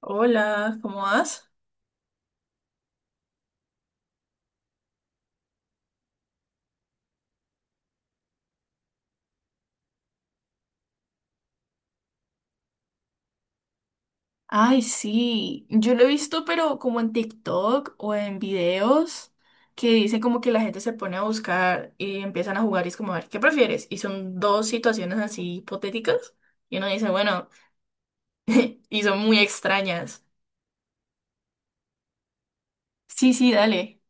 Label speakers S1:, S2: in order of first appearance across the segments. S1: Hola, ¿cómo vas? Ay, sí, yo lo he visto, pero como en TikTok o en videos que dicen como que la gente se pone a buscar y empiezan a jugar y es como, a ver, ¿qué prefieres? Y son dos situaciones así hipotéticas y uno dice, bueno, y son muy extrañas. Sí, sí, dale.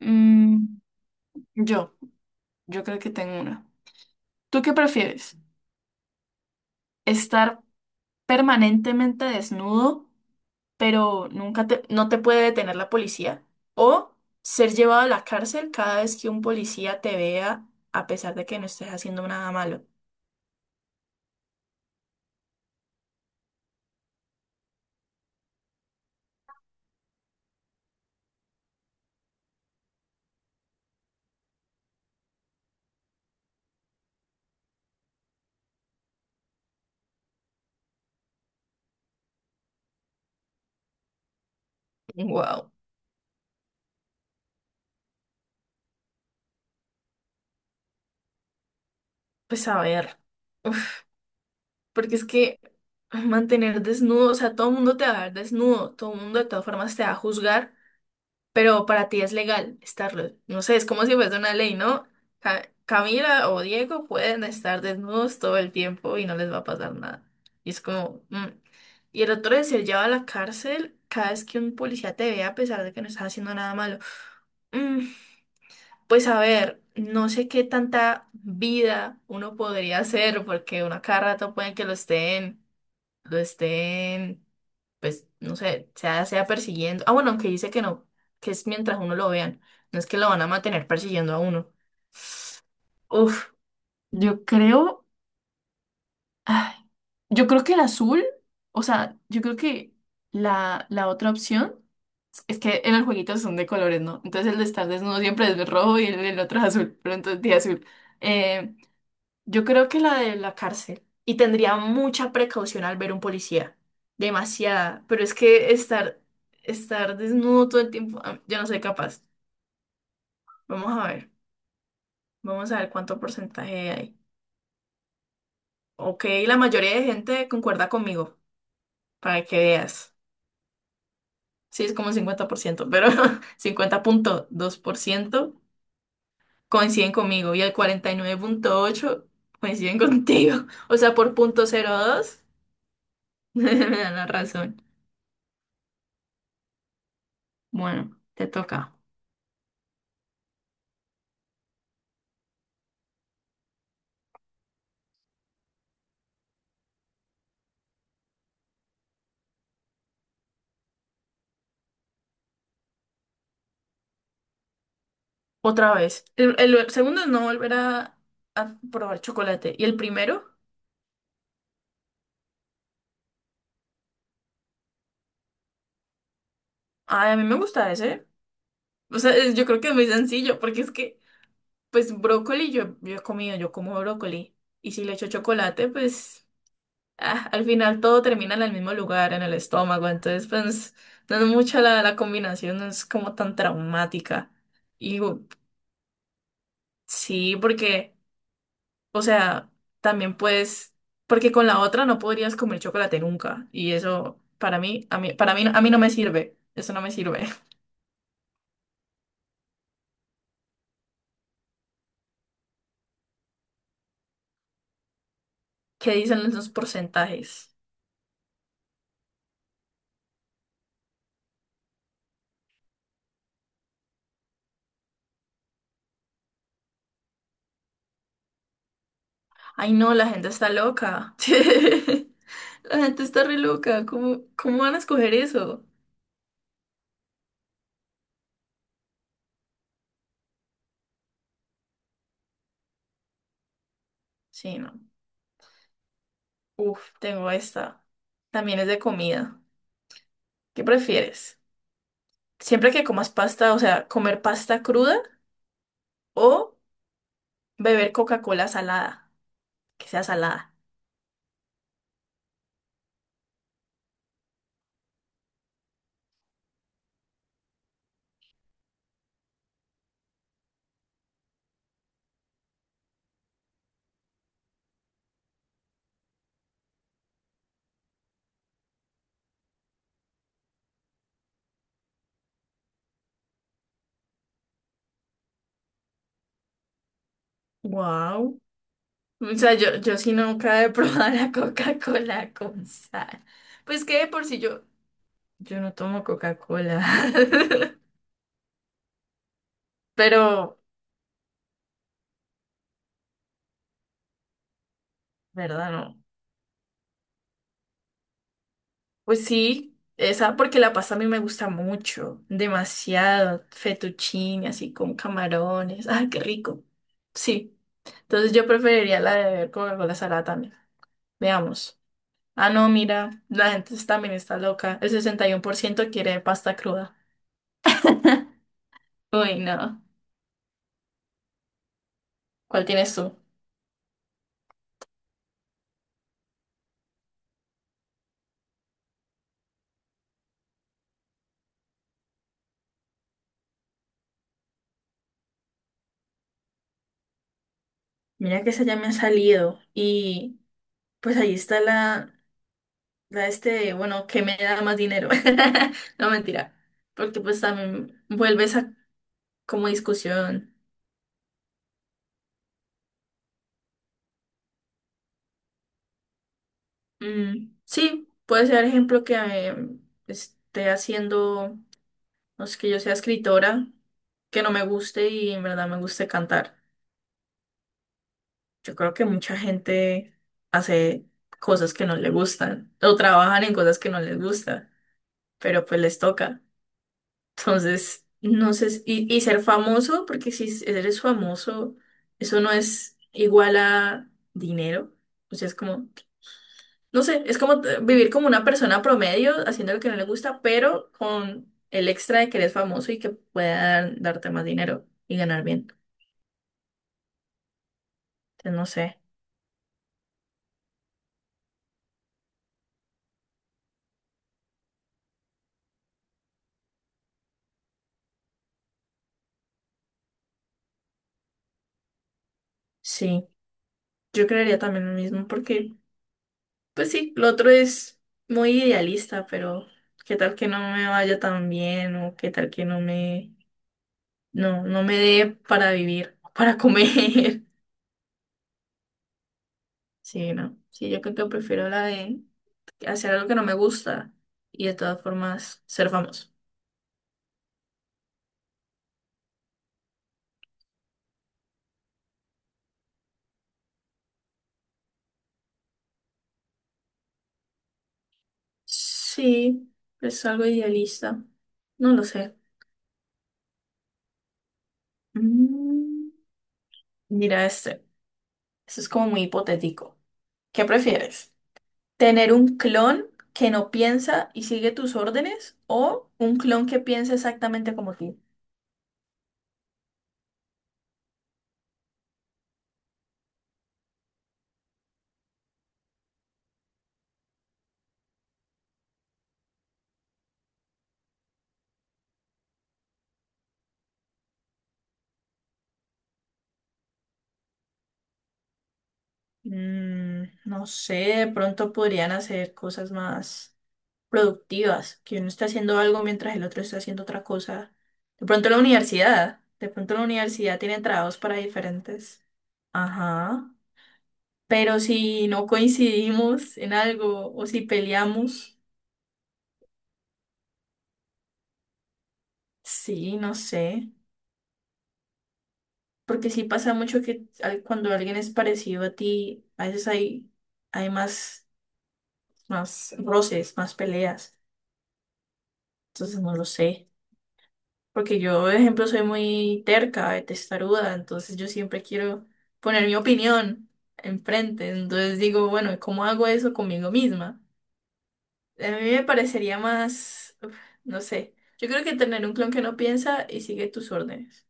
S1: Mm, yo, yo creo que tengo una. ¿Tú qué prefieres? ¿Estar permanentemente desnudo? Pero nunca te, no te puede detener la policía. O ser llevado a la cárcel cada vez que un policía te vea, a pesar de que no estés haciendo nada malo. Wow. Pues a ver. Uf, porque es que mantener desnudo, o sea, todo el mundo te va a ver desnudo, todo el mundo de todas formas te va a juzgar. Pero para ti es legal estarlo. No sé, es como si fuese una ley, ¿no? Camila o Diego pueden estar desnudos todo el tiempo y no les va a pasar nada. Y es como... Y el otro es ser llevado a la cárcel cada vez que un policía te vea a pesar de que no estás haciendo nada malo. Mm, Pues a ver, no sé qué tanta vida uno podría hacer porque uno a cada rato pueden que lo estén pues, no sé, sea persiguiendo. Ah, bueno, aunque dice que no, que es mientras uno lo vean. No es que lo van a mantener persiguiendo a uno. Uf, yo creo, ay, yo creo que el azul, o sea, yo creo que la otra opción es que en el jueguito son de colores, ¿no? Entonces el de estar desnudo siempre es rojo y el otro es azul, pero entonces de azul. Eh, Yo creo que la de la cárcel. Y tendría mucha precaución al ver un policía. Demasiada. Pero es que estar desnudo todo el tiempo, ah, yo no soy capaz. Vamos a ver. Vamos a ver cuánto porcentaje hay. Ok, la mayoría de gente concuerda conmigo, para que veas. Sí, es como un 50%, pero 50.2% coinciden conmigo y el 49.8% coinciden contigo. O sea, por punto cero dos me dan la razón. Bueno, te toca. Otra vez. El segundo es no volver a probar chocolate. ¿Y el primero? Ay, a mí me gusta ese. O sea, yo creo que es muy sencillo, porque es que, pues, brócoli yo he comido, yo como brócoli. Y si le echo chocolate, pues, ah, al final todo termina en el mismo lugar, en el estómago. Entonces, pues, no es mucha la combinación, no es como tan traumática. Y digo, sí, porque... O sea, también puedes, porque con la otra no podrías comer chocolate nunca. Y eso para mí, a mí, para mí, a mí no me sirve. Eso no me sirve. ¿Qué dicen los porcentajes? Ay, no, la gente está loca. La gente está re loca. Cómo van a escoger eso? Sí, no. Uf, tengo esta. También es de comida. ¿Qué prefieres? Siempre que comas pasta, o sea, comer pasta cruda o beber Coca-Cola salada, que sea salada. Wow. O sea, yo sí nunca he probado la Coca-Cola con sal. Pues que de por si yo no tomo Coca-Cola. Pero, ¿verdad? No. Pues sí, esa porque la pasta a mí me gusta mucho, demasiado, fettuccine, así con camarones, ¡ay, qué rico! Sí, entonces yo preferiría la de beber Coca-Cola salada también. Veamos. Ah, no, mira, la gente también está loca. El 61% quiere pasta cruda. Uy, no. ¿Cuál tienes tú? Mira que esa ya me ha salido y pues ahí está bueno, que me da más dinero. No, mentira, porque pues también vuelve esa como discusión. Mm, sí, puede ser ejemplo que esté haciendo, no sé, que yo sea escritora, que no me guste y en verdad me guste cantar. Yo creo que mucha gente hace cosas que no le gustan o trabajan en cosas que no les gusta, pero pues les toca. Entonces, no sé, y ser famoso, porque si eres famoso, eso no es igual a dinero. O sea, es como, no sé, es como vivir como una persona promedio, haciendo lo que no le gusta, pero con el extra de que eres famoso y que puedan darte más dinero y ganar bien. Entonces, no sé, sí, yo creería también lo mismo, porque, pues sí, lo otro es muy idealista, pero qué tal que no me vaya tan bien o qué tal que no me no me dé para vivir, para comer. Sí, no. Sí, yo creo que prefiero la de hacer algo que no me gusta y de todas formas ser famoso. Sí, es algo idealista. No lo sé. Mm, mira este. Esto es como muy hipotético. ¿Qué prefieres? ¿Tener un clon que no piensa y sigue tus órdenes o un clon que piensa exactamente como tú? Mm, no sé, de pronto podrían hacer cosas más productivas, que uno está haciendo algo mientras el otro está haciendo otra cosa. De pronto la universidad, de pronto la universidad tiene trabajos para diferentes. Ajá. Pero si no coincidimos en algo o si peleamos, sí, no sé. Porque sí pasa mucho que cuando alguien es parecido a ti, a veces hay más roces, más peleas. Entonces no lo sé. Porque yo, por ejemplo, soy muy terca, testaruda, entonces yo siempre quiero poner mi opinión enfrente. Entonces digo, bueno, ¿cómo hago eso conmigo misma? A mí me parecería más, uf, no sé, yo creo que tener un clon que no piensa y sigue tus órdenes.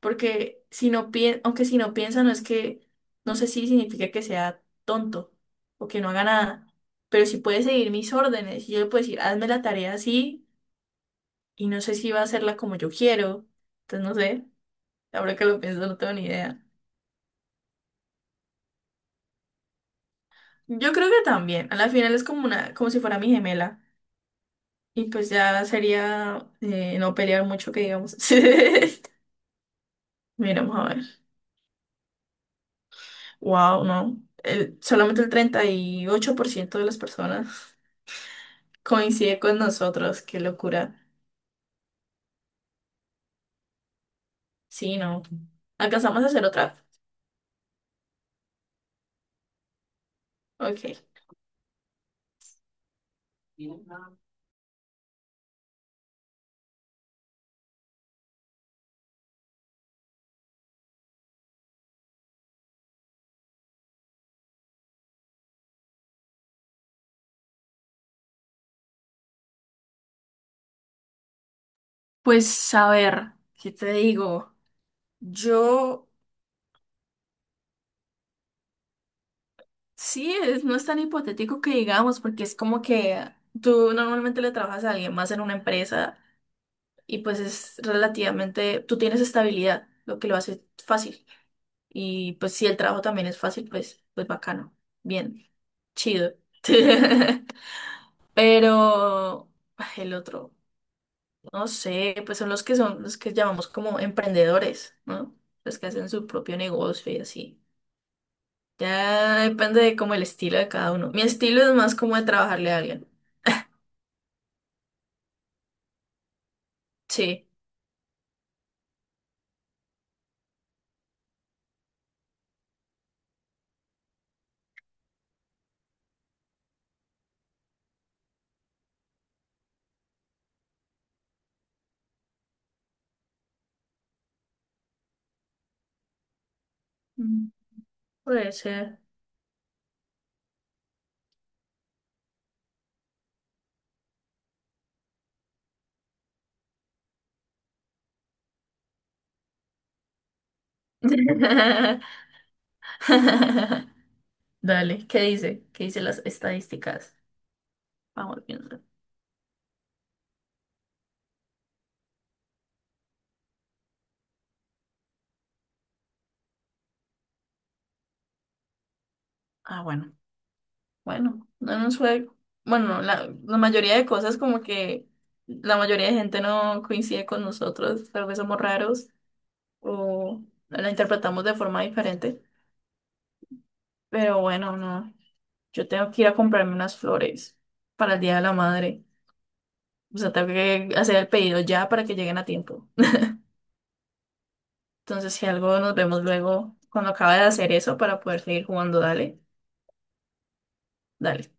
S1: Porque si no piensa, aunque si no piensa, no es que, no sé si significa que sea tonto o que no haga nada, pero si puede seguir mis órdenes y yo le puedo decir, hazme la tarea así y no sé si va a hacerla como yo quiero, entonces no sé. Ahora que lo pienso, no tengo ni idea. Yo creo que también. A la final es como una, como si fuera mi gemela. Y pues ya sería no pelear mucho, que digamos. Miramos a ver. Wow, no. Solamente el 38% de las personas coincide con nosotros. Qué locura. Sí, no. ¿Alcanzamos a hacer otra? Ok. Pues a ver, ¿qué te digo? Yo. Sí, no es tan hipotético que digamos, porque es como que tú normalmente le trabajas a alguien más en una empresa y pues es relativamente, tú tienes estabilidad, lo que lo hace fácil. Y pues si el trabajo también es fácil, pues, pues bacano, bien, chido. Pero ay, el otro, no sé, pues son los que llamamos como emprendedores, ¿no? Los que hacen su propio negocio y así. Ya depende de como el estilo de cada uno. Mi estilo es más como de trabajarle a alguien. Sí, Mm. puede ser. Dale, ¿qué dice? ¿Qué dice las estadísticas? Vamos viendo. Ah, bueno, bueno, no nos fue. Bueno, la mayoría de cosas como que la mayoría de gente no coincide con nosotros, tal vez somos raros o no la interpretamos de forma diferente, pero bueno, no, yo tengo que ir a comprarme unas flores para el Día de la Madre, o sea, tengo que hacer el pedido ya para que lleguen a tiempo. Entonces, si algo, nos vemos luego cuando acabe de hacer eso para poder seguir jugando. Dale, dale.